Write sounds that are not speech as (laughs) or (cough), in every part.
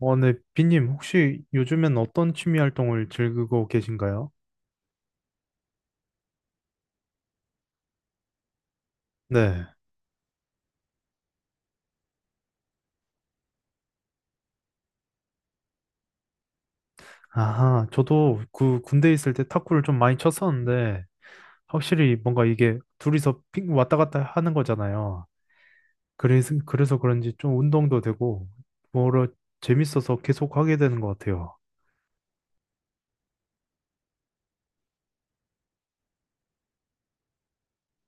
네, 비님, 혹시 요즘엔 어떤 취미 활동을 즐기고 계신가요? 네. 아하, 저도 그 군대에 있을 때 탁구를 좀 많이 쳤었는데, 확실히 뭔가 이게 둘이서 핑 왔다 갔다 하는 거잖아요. 그래서 그런지 좀 운동도 되고, 뭐라 재밌어서 계속 하게 되는 것 같아요.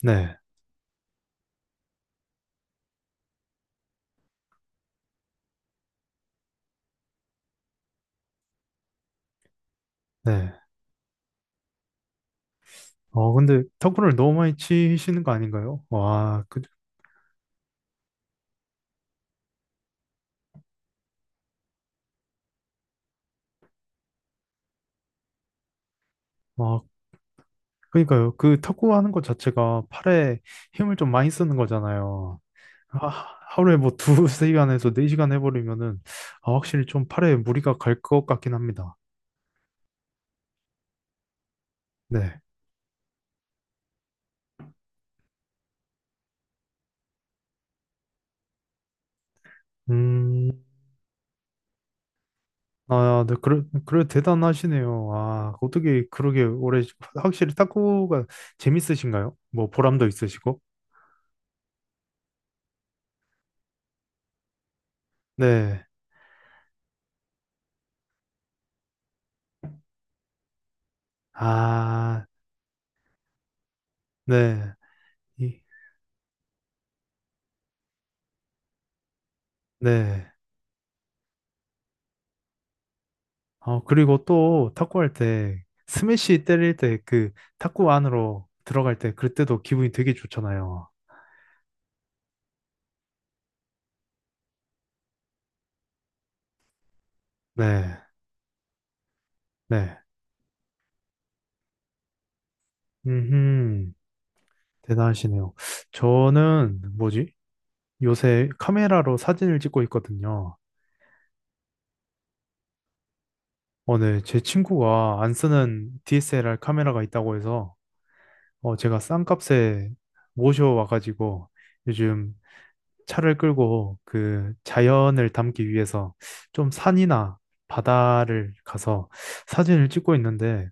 네, 네. 근데 탁구를 너무 많이 치시는 거 아닌가요? 와, 그러니까요. 그 탁구 하는 것 자체가 팔에 힘을 좀 많이 쓰는 거잖아요. 하- 하루에 뭐 두세 (laughs) 시간에서 4시간 해버리면은 아, 확실히 좀 팔에 무리가 갈 것 같긴 합니다. 네. 음, 아, 네, 그래, 그래 대단하시네요. 아, 어떻게 그러게 오래, 확실히 탁구가 재밌으신가요? 뭐 보람도 있으시고. 네. 아, 네. 이- 네. 그리고 또 탁구할 때 스매시 때릴 때 그 탁구 안으로 들어갈 때 그때도 기분이 되게 좋잖아요. 네. 네. 음. 대단하시네요. 저는 뭐지? 요새 카메라로 사진을 찍고 있거든요. 네. 제 친구가 안 쓰는 DSLR 카메라가 있다고 해서 제가 싼 값에 모셔와가지고 요즘 차를 끌고 그 자연을 담기 위해서 좀 산이나 바다를 가서 사진을 찍고 있는데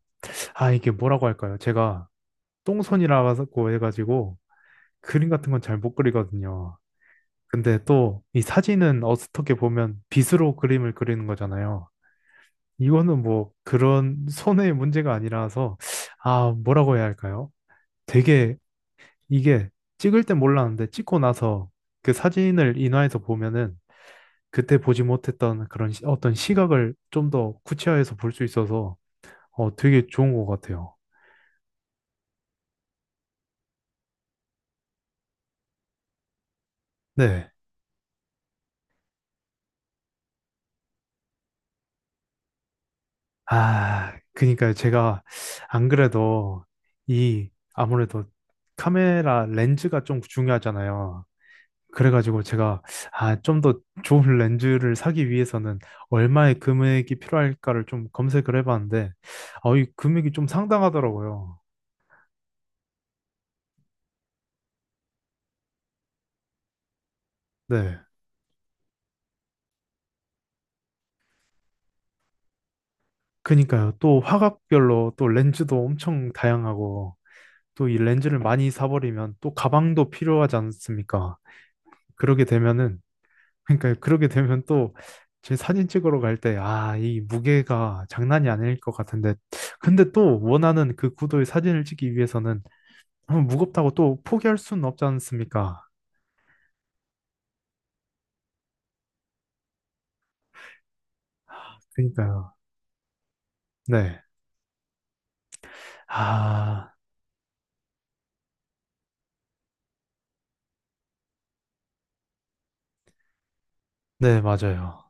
아, 이게 뭐라고 할까요? 제가 똥손이라고 해가지고 그림 같은 건 잘 못 그리거든요. 근데 또 이 사진은 어떻게 보면 빗으로 그림을 그리는 거잖아요. 이거는 뭐 그런 손해의 문제가 아니라서 아, 뭐라고 해야 할까요? 되게 이게 찍을 땐 몰랐는데 찍고 나서 그 사진을 인화해서 보면은 그때 보지 못했던 그런 어떤 시각을 좀 더 구체화해서 볼 수 있어서 되게 좋은 것 같아요. 네. 아, 그러니까 제가 안 그래도 이 아무래도 카메라 렌즈가 좀 중요하잖아요. 그래가지고 제가 아, 좀 더 좋은 렌즈를 사기 위해서는 얼마의 금액이 필요할까를 좀 검색을 해봤는데 이 금액이 좀 상당하더라고요. 네. 그니까요. 또 화각별로 또 렌즈도 엄청 다양하고 또 이 렌즈를 많이 사버리면 또 가방도 필요하지 않습니까? 그러게 되면은 그러니까 그러게 되면 또 제 사진 찍으러 갈 때 아, 이 무게가 장난이 아닐 것 같은데 근데 또 원하는 그 구도의 사진을 찍기 위해서는 무겁다고 또 포기할 수는 없지 않습니까? 그러니까요. 네. 아, 네, 맞아요.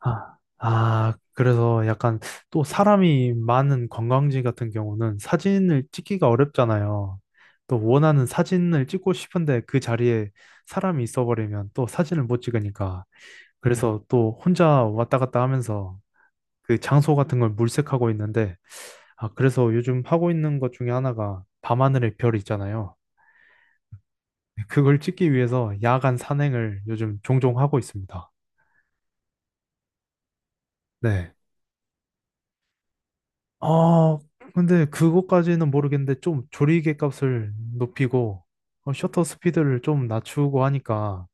아, 아, 그래서 약간 또 사람이 많은 관광지 같은 경우는 사진을 찍기가 어렵잖아요. 또 원하는 사진을 찍고 싶은데 그 자리에 사람이 있어버리면 또 사진을 못 찍으니까. 음. 그래서 또 혼자 왔다 갔다 하면서 그 장소 같은 걸 물색하고 있는데, 아, 그래서 요즘 하고 있는 것 중에 하나가 밤하늘의 별 있잖아요. 그걸 찍기 위해서 야간 산행을 요즘 종종 하고 있습니다. 네. 아, 근데 그것까지는 모르겠는데 좀 조리개 값을 높이고 셔터 스피드를 좀 낮추고 하니까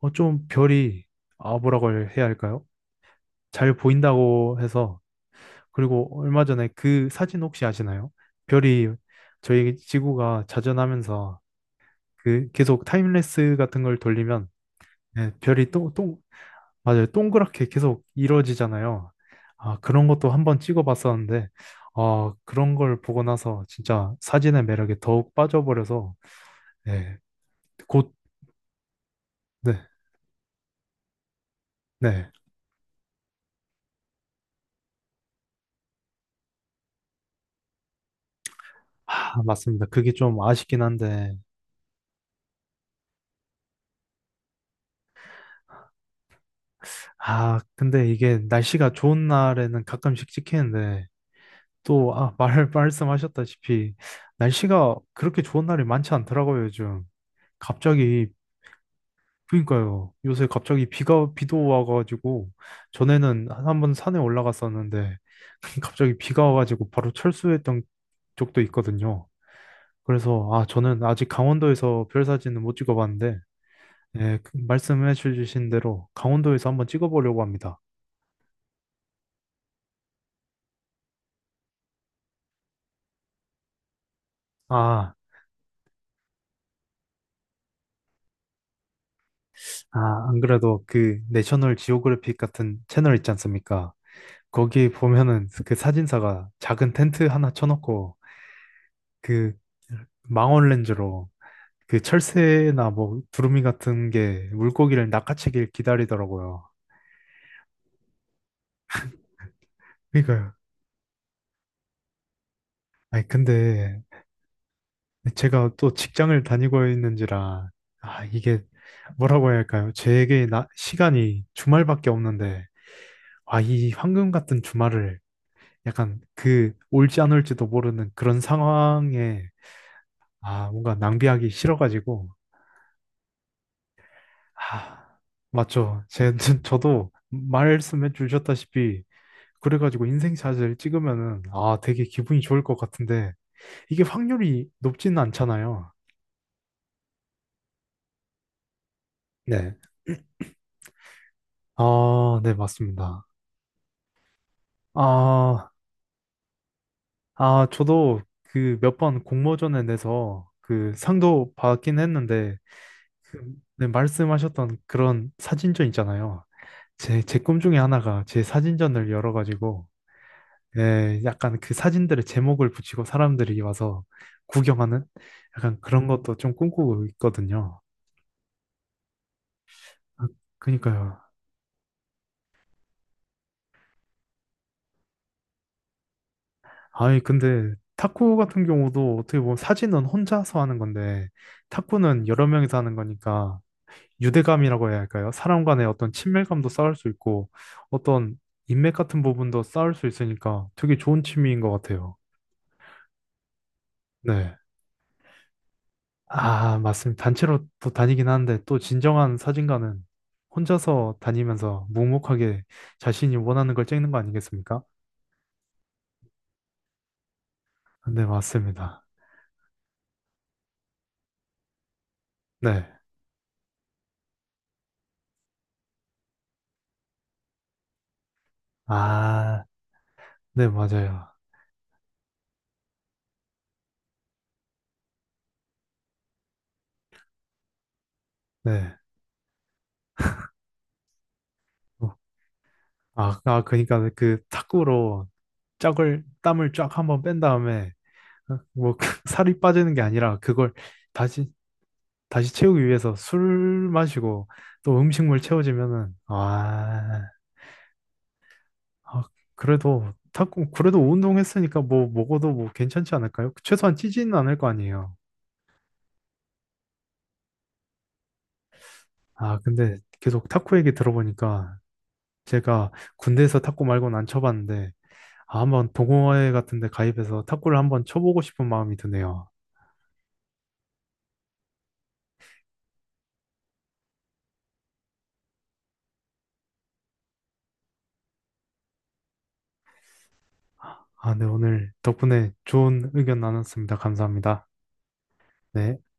좀 별이 아, 뭐라고 해야 할까요? 잘 보인다고 해서 그리고 얼마 전에 그 사진 혹시 아시나요? 별이 저희 지구가 자전하면서 그 계속 타임레스 같은 걸 돌리면 네, 맞아요. 동그랗게 계속 이루어지잖아요. 아, 그런 것도 한번 찍어봤었는데, 아, 그런 걸 보고 나서 진짜 사진의 매력에 더욱 빠져버려서, 네, 곧, 네, 네. 아, 맞습니다. 그게 좀 아쉽긴 한데, 아, 근데 이게 날씨가 좋은 날에는 가끔씩 찍히는데, 또, 아, (laughs) 말씀하셨다시피, 날씨가 그렇게 좋은 날이 많지 않더라고요, 요즘. 갑자기 그러니까요. 요새 갑자기 비도 와가지고, 전에는 한 번 산에 올라갔었는데, (laughs) 갑자기 비가 와가지고 바로 철수했던 적도 있거든요. 그래서, 아, 저는 아직 강원도에서 별 사진은 못 찍어봤는데, 예, 그 말씀해 주신 대로 강원도에서 한번 찍어보려고 합니다. 아, 아, 안 그래도 그 내셔널 지오그래픽 같은 채널 있지 않습니까? 거기 보면은 그 사진사가 작은 텐트 하나 쳐놓고, 그 망원 렌즈로 그 철새나 뭐 두루미 같은 게 물고기를 낚아채길 기다리더라고요. 그러니까요. 아니 근데 제가 또 직장을 다니고 있는지라 아, 이게 뭐라고 해야 할까요? 시간이 주말밖에 없는데 아, 이 황금 같은 주말을 약간 그 올지 안 올지도 모르는 그런 상황에 아, 뭔가 낭비하기 싫어가지고 아, 맞죠. 제 (laughs) 저도 말씀해 주셨다시피 그래가지고 인생샷을 찍으면은 아, 되게 기분이 좋을 것 같은데 이게 확률이 높지는 않잖아요. 네. 아, 네, 맞습니다. 아, 아, 저도 그 몇 번 공모전에 내서 그 상도 받긴 했는데, 네, 말씀하셨던 그런 사진전 있잖아요. 제 꿈 중에 하나가 제 사진전을 열어가지고, 예, 약간 그 사진들의 제목을 붙이고 사람들이 와서 구경하는 약간 그런 것도 좀 꿈꾸고 있거든요. 아, 그니까요. 아니, 근데 탁구 같은 경우도 어떻게 보면 사진은 혼자서 하는 건데, 탁구는 여러 명이서 하는 거니까, 유대감이라고 해야 할까요? 사람 간의 어떤 친밀감도 쌓을 수 있고, 어떤 인맥 같은 부분도 쌓을 수 있으니까 되게 좋은 취미인 것 같아요. 네. 아, 맞습니다. 단체로 또 다니긴 하는데, 또 진정한 사진가는 혼자서 다니면서 묵묵하게 자신이 원하는 걸 찍는 거 아니겠습니까? 네, 맞습니다. 네. 아, 네, 맞아요. 네. 아, 아, 그러니까 그 탁구로 짝을 땀을 쫙 한번 뺀 다음에 뭐 그 (laughs) 살이 빠지는 게 아니라 그걸 다시 다시 채우기 위해서 술 마시고 또 음식물 채워지면은 아, 아, 그래도 탁구 그래도 운동했으니까 뭐 먹어도 뭐 괜찮지 않을까요? 최소한 찌지는 않을 거 아니에요. 아, 근데 계속 탁구 얘기 들어보니까 제가 군대에서 탁구 말고는 안 쳐봤는데 아, 한번 동호회 같은 데 가입해서 탁구를 한번 쳐보고 싶은 마음이 드네요. 아, 네, 오늘 덕분에 좋은 의견 나눴습니다. 감사합니다. 네.